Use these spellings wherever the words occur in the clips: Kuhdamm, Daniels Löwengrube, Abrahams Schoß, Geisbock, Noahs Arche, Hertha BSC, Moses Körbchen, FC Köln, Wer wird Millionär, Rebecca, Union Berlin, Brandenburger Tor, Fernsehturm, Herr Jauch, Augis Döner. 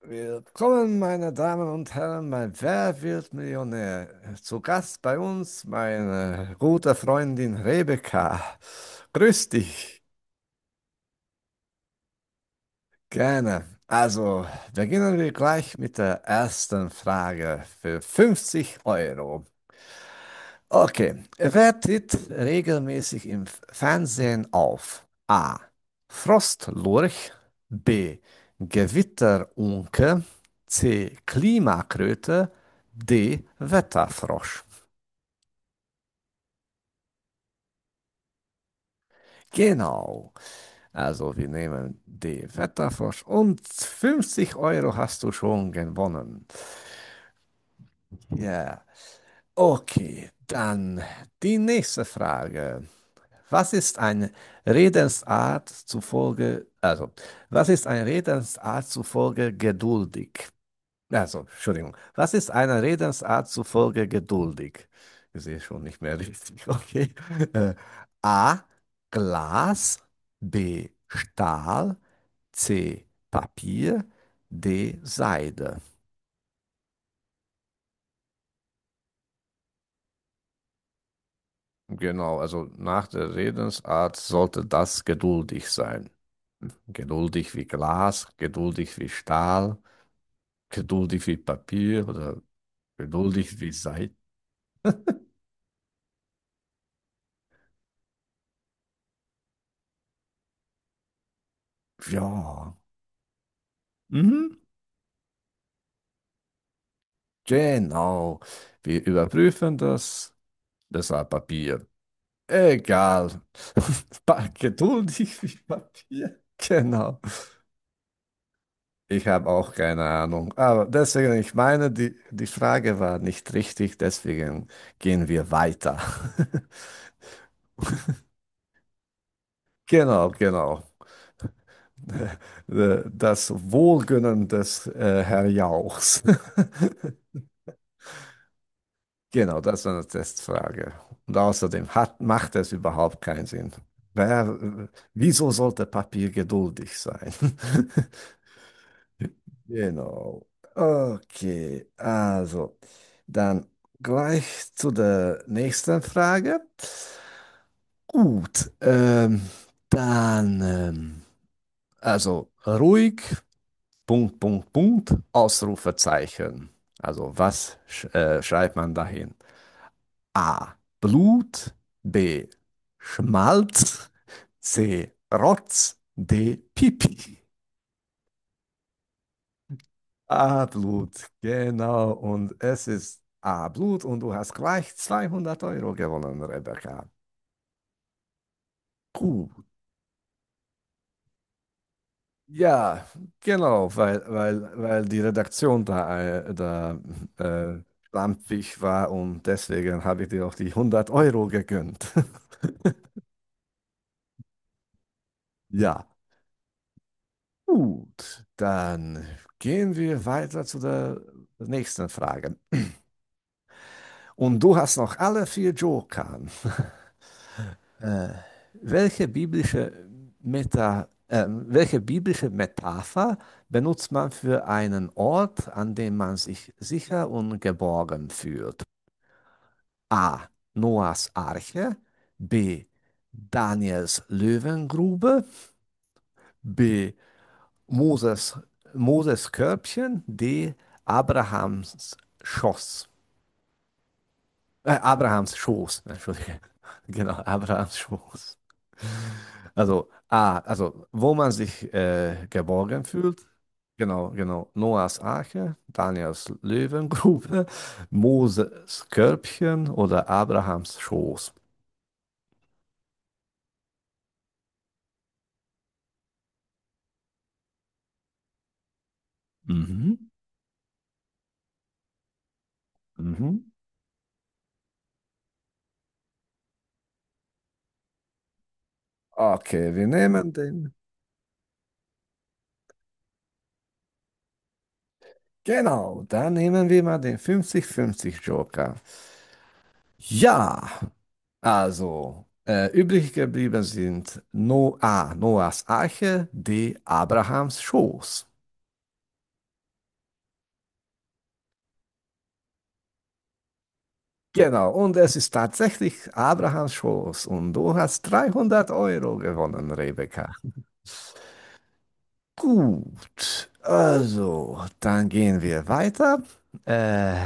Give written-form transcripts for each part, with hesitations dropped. Willkommen, meine Damen und Herren, bei Wer wird Millionär? Zu Gast bei uns meine gute Freundin Rebecca. Grüß dich, gerne. Also, beginnen wir gleich mit der ersten Frage für 50 Euro. Okay, wer tritt regelmäßig im Fernsehen auf? A. Frostlurch, B. Gewitterunke, C. Klimakröte, D. Wetterfrosch. Genau, also wir nehmen D. Wetterfrosch und 50 Euro hast du schon gewonnen. Ja, okay, dann die nächste Frage. Was ist eine Redensart zufolge, also, was ist eine Redensart zufolge geduldig? Also, Entschuldigung, was ist einer Redensart zufolge geduldig? Ich sehe schon nicht mehr richtig, okay. Äh, A. Glas, B. Stahl, C. Papier, D. Seide. Genau, also nach der Redensart sollte das geduldig sein. Geduldig wie Glas, geduldig wie Stahl, geduldig wie Papier oder geduldig wie Seid. Ja, mhm. Genau. Wir überprüfen das. Das war Papier. Egal. Geduldig wie Papier. Genau. Ich habe auch keine Ahnung. Aber deswegen, ich meine, die Frage war nicht richtig, deswegen gehen wir weiter. Genau, genau. Das Wohlgönnen des Herr Jauchs. Genau, das war eine Testfrage. Und außerdem hat, macht es überhaupt keinen Sinn. Wer, wieso sollte Papier geduldig sein? Genau. Okay, also dann gleich zu der nächsten Frage. Gut, dann also ruhig, Punkt, Punkt, Punkt, Ausrufezeichen. Also was sch schreibt man dahin? A. Blut. B. Schmalz. C. Rotz. D. Pipi. A. Blut. Genau. Und es ist A. Blut und du hast gleich 200 Euro gewonnen, Rebecca. Gut. Ja, genau, weil die Redaktion da, da äh, schlampig war und deswegen habe ich dir auch die 100 Euro gegönnt. Ja. Gut, dann gehen wir weiter zu der nächsten Frage. Und du hast noch alle vier Joker. Äh, welche biblische welche biblische Metapher benutzt man für einen Ort, an dem man sich sicher und geborgen fühlt? A. Noahs Arche. B. Daniels Löwengrube. B. Moses, Moses Körbchen, D. Abrahams Schoß. Abrahams Schoß, Entschuldige. Genau, Abrahams Schoß. Also A, also wo man sich geborgen fühlt. Genau, genau. Noahs Arche, Daniels Löwengrube, Moses Körbchen oder Abrahams Schoß. Mhm. Mhm. Okay, wir nehmen den. Genau, dann nehmen wir mal den 50-50 Joker. Ja. Also, übrig geblieben sind no A, Noahs Arche, D, Abrahams Schoß. Genau, und es ist tatsächlich Abrahams Schoß. Und du hast 300 Euro gewonnen, Rebecca. Gut, also, dann gehen wir weiter. Äh,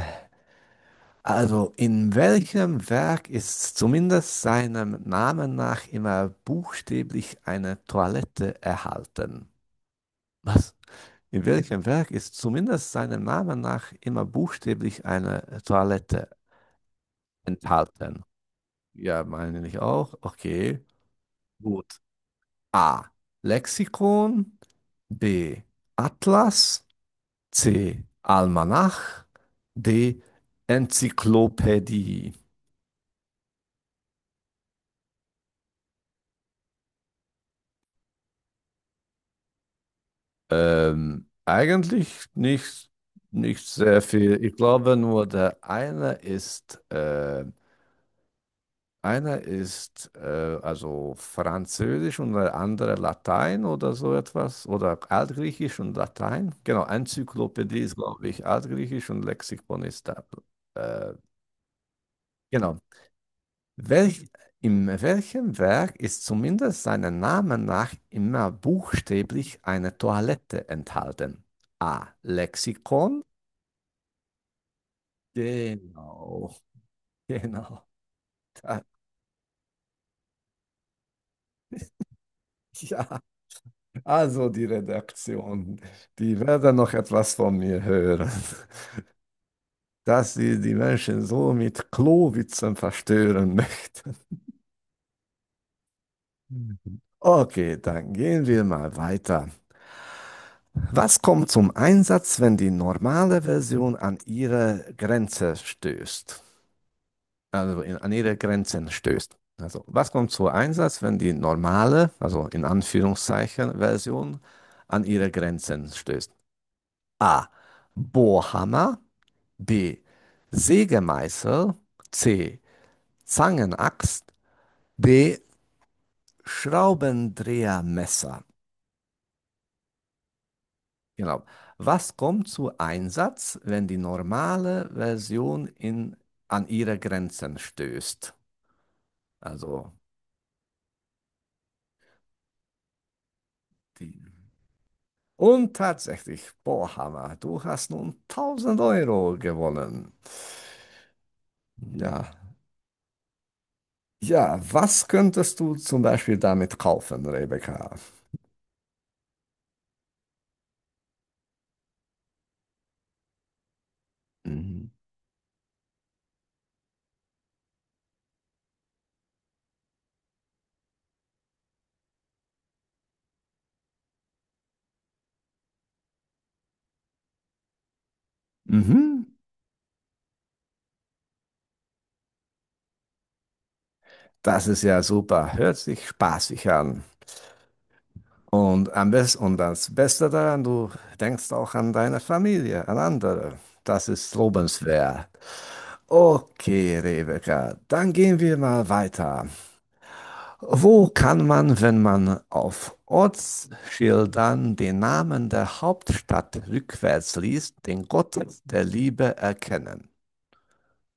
also, in welchem Werk ist zumindest seinem Namen nach immer buchstäblich eine Toilette erhalten? Was? In welchem Werk ist zumindest seinem Namen nach immer buchstäblich eine Toilette enthalten? Ja, meine ich auch. Okay, gut. A. Lexikon. B. Atlas. C. Almanach. D. Enzyklopädie. Eigentlich nicht, nicht sehr viel. Ich glaube nur, der eine ist Einer ist also Französisch und der andere Latein oder so etwas oder Altgriechisch und Latein. Genau, Enzyklopädie ist, glaube ich, Altgriechisch und Lexikon ist da. Äh, genau. Welch, in welchem Werk ist zumindest seinem Namen nach immer buchstäblich eine Toilette enthalten? A. Lexikon. Genau, genau. Da, ja. Also die Redaktion, die werden noch etwas von mir hören, dass sie die Menschen so mit Klowitzen verstören möchten. Okay, dann gehen wir mal weiter. Was kommt zum Einsatz, wenn die normale Version an ihre Grenze stößt? An ihre Grenzen stößt. Also was kommt zum Einsatz, wenn die normale, also in Anführungszeichen Version an ihre Grenzen stößt? A. Bohrhammer. B. Sägemeißel. C. Zangenaxt. D. Schraubendrehermesser. Genau. Was kommt zu Einsatz, wenn die normale Version in, an ihre Grenzen stößt? Also die. Und tatsächlich, Bohrhammer, du hast nun 1.000 Euro gewonnen. Ja. Ja, was könntest du zum Beispiel damit kaufen, Rebecca? Mhm. Mhm. Das ist ja super. Hört sich spaßig an. Und am besten, und das Beste daran, du denkst auch an deine Familie, an andere. Das ist lobenswert. Okay, Rebecca, dann gehen wir mal weiter. Wo kann man, wenn man auf Ortsschildern den Namen der Hauptstadt rückwärts liest, den Gott der Liebe erkennen?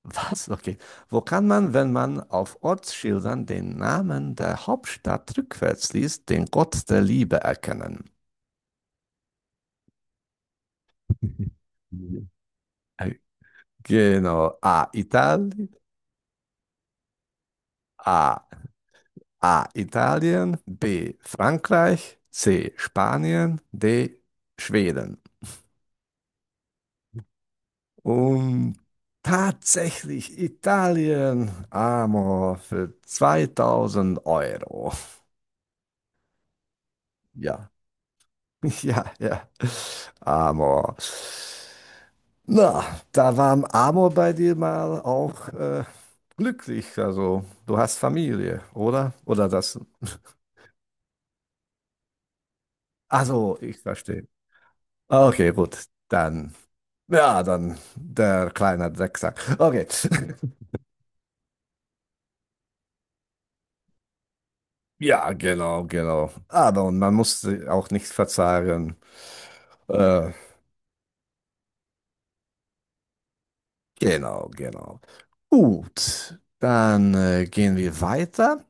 Was? Okay. Wo kann man, wenn man auf Ortsschildern den Namen der Hauptstadt rückwärts liest, den Gott der Liebe erkennen? Mhm. Äh, Genau. A. Italien. A. Italien. B. Frankreich. C. Spanien. D. Schweden. Und tatsächlich Italien. Amo für 2.000 Euro. Ja. Ja. Amor. Na, da war Amor bei dir mal auch glücklich. Also, du hast Familie, oder? Oder das? Also, ich verstehe. Okay, gut. Dann, ja, dann der kleine Drecksack. Okay. Ja, genau, genau. Aber und man muss auch nicht verzagen. Äh, genau, genau. Gut, dann gehen wir weiter.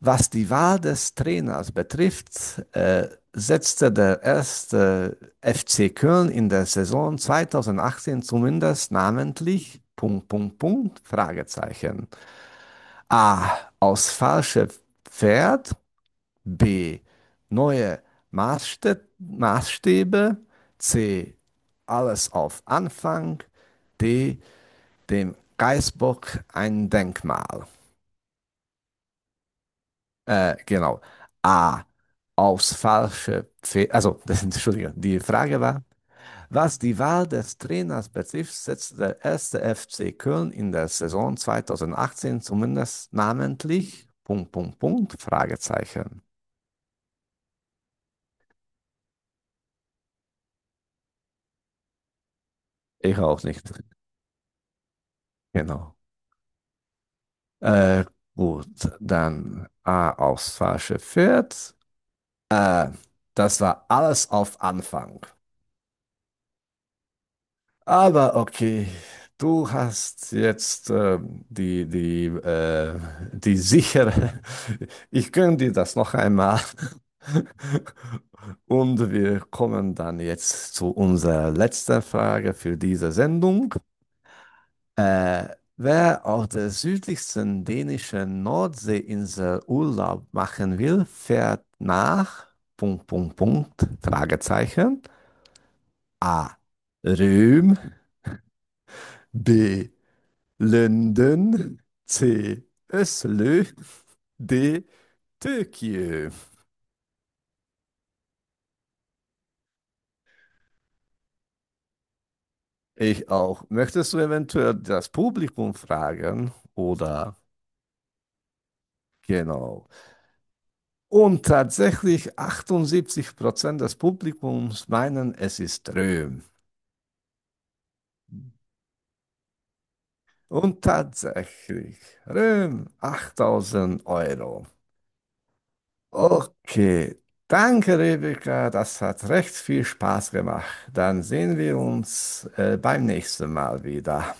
Was die Wahl des Trainers betrifft, setzte der erste FC Köln in der Saison 2018 zumindest namentlich Punkt, Punkt, Punkt, Fragezeichen. A. Aus falsche Pferd. B. Neue Maßstäbe. C. Alles auf Anfang. D. Dem Geisbock ein Denkmal. Genau. A. Aufs falsche Pferd. Also, Entschuldigung, die Frage war, was die Wahl des Trainers betrifft, setzt der erste FC Köln in der Saison 2018 zumindest namentlich Punkt, Punkt, Punkt, Fragezeichen. Ich auch nicht. Genau. Äh, gut, dann A. Aufs falsche Pferd. Äh, das war alles auf Anfang. Aber okay, du hast jetzt die, die, äh, die sichere. Ich gönne dir das noch einmal. Und wir kommen dann jetzt zu unserer letzten Frage für diese Sendung. Äh, wer auf der südlichsten dänischen Nordseeinsel Urlaub machen will, fährt nach Punkt, Punkt, Punkt, Fragezeichen. A. Röhm. B. Linden, C. Öslü, D. Türkei. Ich auch. Möchtest du eventuell das Publikum fragen? Oder genau. Und tatsächlich 78% des Publikums meinen, es ist Röhm. Und tatsächlich, Röhm, 8000 Euro. Okay. Danke, Rebecca. Das hat recht viel Spaß gemacht. Dann sehen wir uns beim nächsten Mal wieder.